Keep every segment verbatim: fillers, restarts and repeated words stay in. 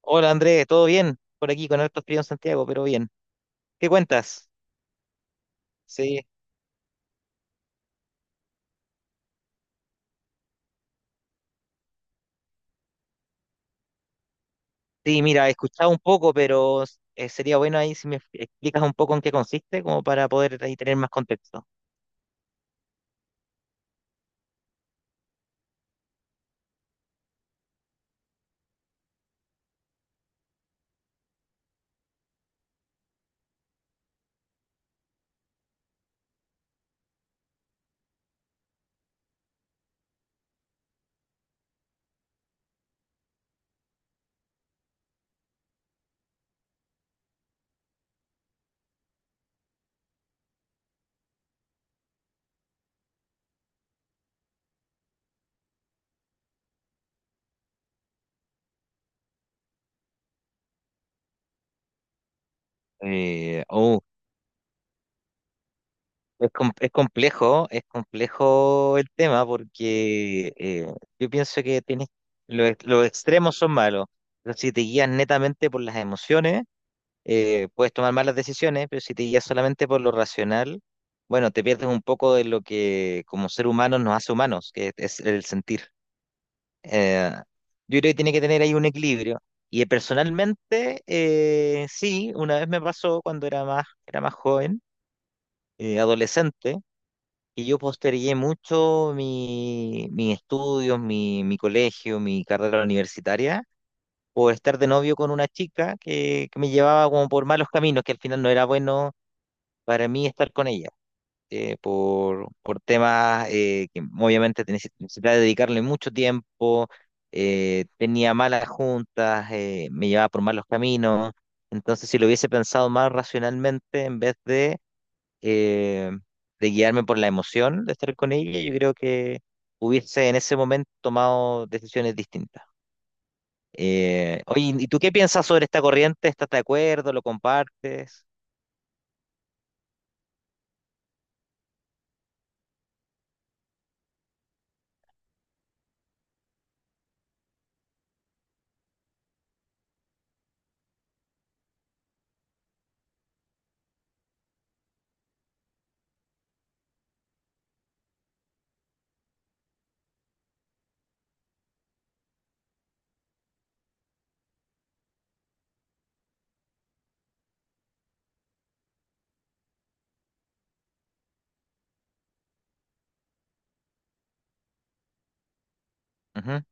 Hola Andrés, ¿todo bien? Por aquí con harto frío en Santiago, pero bien. ¿Qué cuentas? Sí, sí, mira, he escuchado un poco, pero eh, sería bueno ahí si me explicas un poco en qué consiste, como para poder ahí tener más contexto. Eh, oh, es, com- es complejo, es complejo el tema porque eh, yo pienso que tienes, los, ex- los extremos son malos, pero si te guías netamente por las emociones. eh, puedes tomar malas decisiones, pero si te guías solamente por lo racional, bueno, te pierdes un poco de lo que como ser humano nos hace humanos, que es el sentir. Eh, yo creo que tiene que tener ahí un equilibrio. Y eh, personalmente, eh, sí, una vez me pasó cuando era más, era más joven, eh, adolescente, y yo postergué mucho mi, mis estudios, mi, mi colegio, mi carrera universitaria, por estar de novio con una chica que, que me llevaba como por malos caminos, que al final no era bueno para mí estar con ella, eh, por, por temas eh, que obviamente tenés- necesitaba dedicarle mucho tiempo, eh, tenía malas juntas, eh, me llevaba por malos caminos, entonces si lo hubiese pensado más racionalmente en vez de, eh, de guiarme por la emoción de estar con ella, yo creo que hubiese en ese momento tomado decisiones distintas. Eh, oye, ¿y tú qué piensas sobre esta corriente? ¿Estás de acuerdo? ¿Lo compartes? Ujú.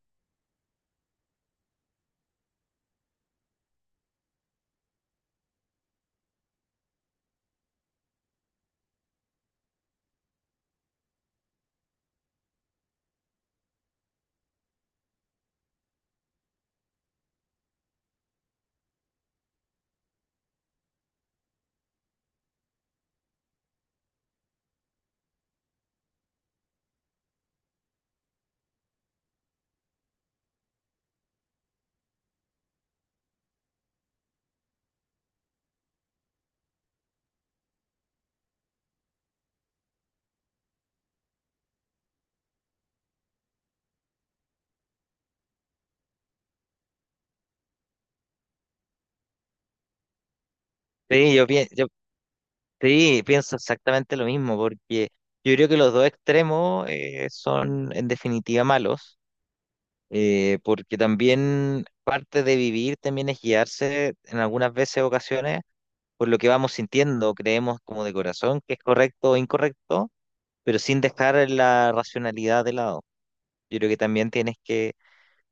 Sí, yo, pienso Sí, pienso exactamente lo mismo, porque yo creo que los dos extremos eh, son en definitiva malos, eh, porque también parte de vivir también es guiarse en algunas veces, ocasiones, por lo que vamos sintiendo, creemos como de corazón que es correcto o incorrecto, pero sin dejar la racionalidad de lado. Yo creo que también tienes que,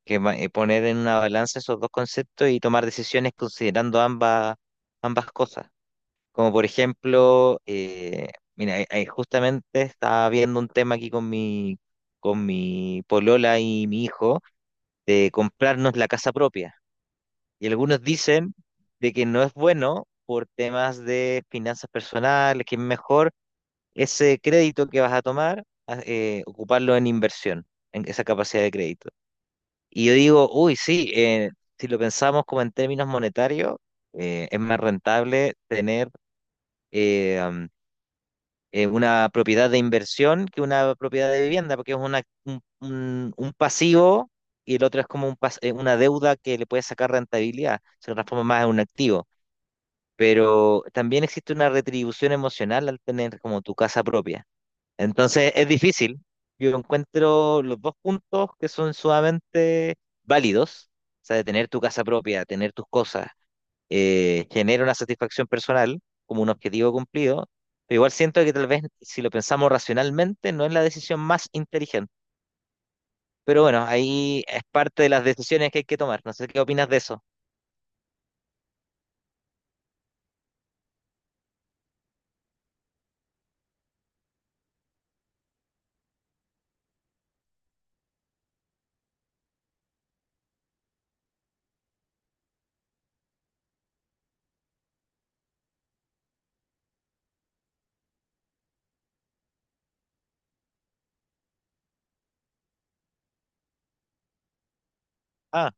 que ma- eh, poner en una balanza esos dos conceptos y tomar decisiones considerando ambas, ambas cosas. Como por ejemplo, eh, mira, eh, eh, justamente estaba viendo un tema aquí con mi, con mi polola y mi hijo de comprarnos la casa propia. Y algunos dicen de que no es bueno por temas de finanzas personales, que es mejor ese crédito que vas a tomar, a- eh, ocuparlo en inversión, en esa capacidad de crédito. Y yo digo, uy, sí, eh, si lo pensamos como en términos monetarios, eh, es más rentable tener... eh, eh, una propiedad de inversión que una propiedad de vivienda, porque es una, un, un- un pasivo y el otro es como un pas- eh, una deuda que le puede sacar rentabilidad, se transforma más en un activo. Pero también existe una retribución emocional al tener como tu casa propia. Entonces es difícil. Yo encuentro los dos puntos que son sumamente válidos, o sea, de tener tu casa propia, tener tus cosas eh, genera una satisfacción personal como un objetivo cumplido, pero igual siento que tal vez si lo pensamos racionalmente no es la decisión más inteligente. Pero bueno, ahí es parte de las decisiones que hay que tomar. No sé qué opinas de eso. Ah,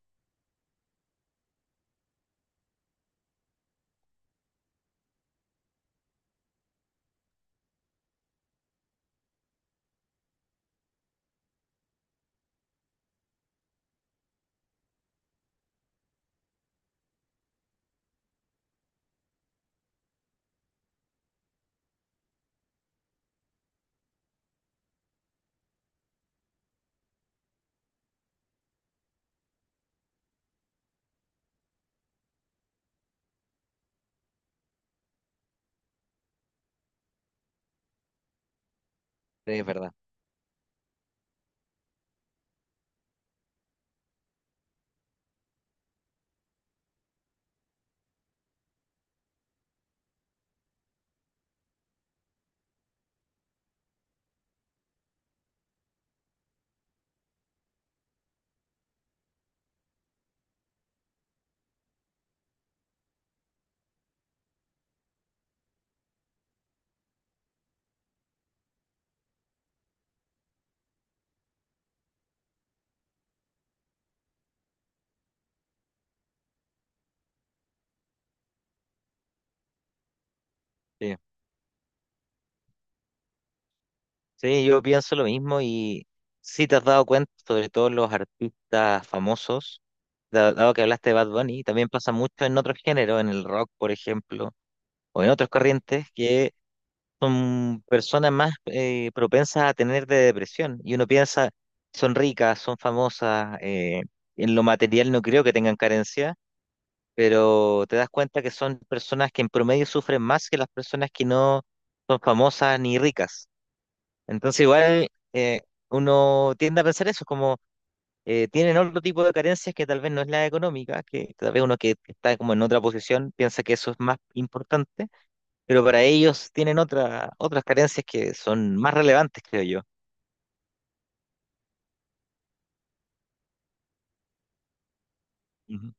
sí, es verdad. Sí, sí, yo pienso lo mismo. Y sí, te has dado cuenta, sobre todo los artistas famosos, da- dado que hablaste de Bad Bunny, también pasa mucho en otros géneros, en el rock, por ejemplo, o en otras corrientes, que son personas más eh, propensas a tener de depresión. Y uno piensa, son ricas, son famosas, eh, en lo material no creo que tengan carencia, pero te das cuenta que son personas que en promedio sufren más que las personas que no son famosas ni ricas. Entonces igual, eh, uno tiende a pensar eso, como eh, tienen otro tipo de carencias que tal vez no es la económica, que tal vez uno que está como en otra posición piensa que eso es más importante, pero para ellos tienen otra, otras carencias que son más relevantes, creo yo. Ujú.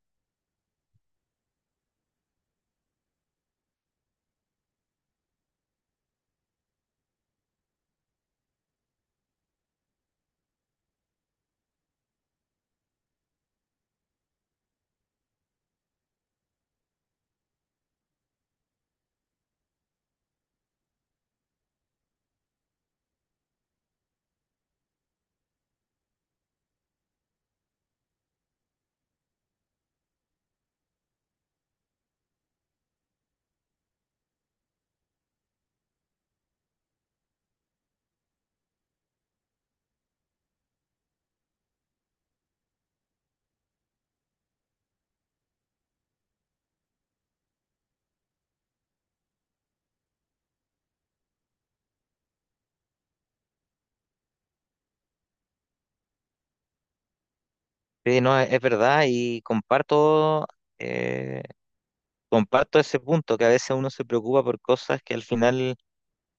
Sí, no, es es verdad y comparto, eh, comparto ese punto, que a veces uno se preocupa por cosas que al final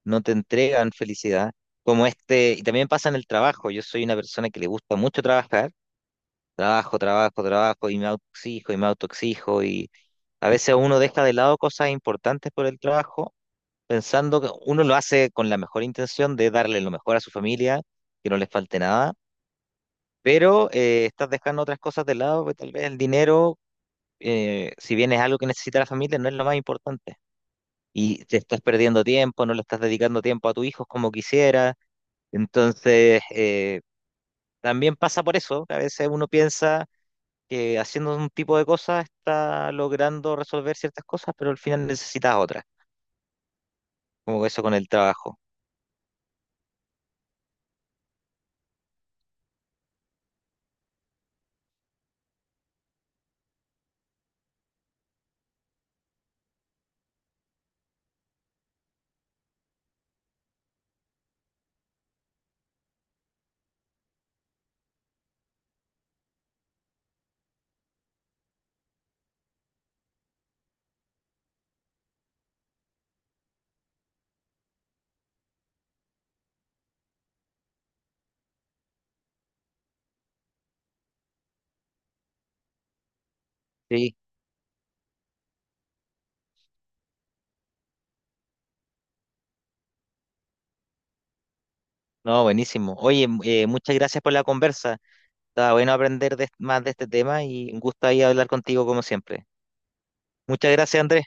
no te entregan felicidad, como este, y también pasa en el trabajo. Yo soy una persona que le gusta mucho trabajar, trabajo, trabajo, trabajo, y me autoexijo, y me autoexijo, y a veces uno deja de lado cosas importantes por el trabajo, pensando que uno lo hace con la mejor intención de darle lo mejor a su familia, que no les falte nada, pero eh, estás dejando otras cosas de lado, pues, tal vez el dinero, eh, si bien es algo que necesita la familia, no es lo más importante. Y te estás perdiendo tiempo, no le estás dedicando tiempo a tu hijo como quisiera. Entonces, eh, también pasa por eso, que a veces uno piensa que haciendo un tipo de cosas está logrando resolver ciertas cosas, pero al final necesitas otras, como eso con el trabajo. Sí, no, buenísimo. Oye, mu- eh, muchas gracias por la conversa. Estaba bueno aprender de- más de este tema y un gusto ahí hablar contigo como siempre. Muchas gracias, Andrés.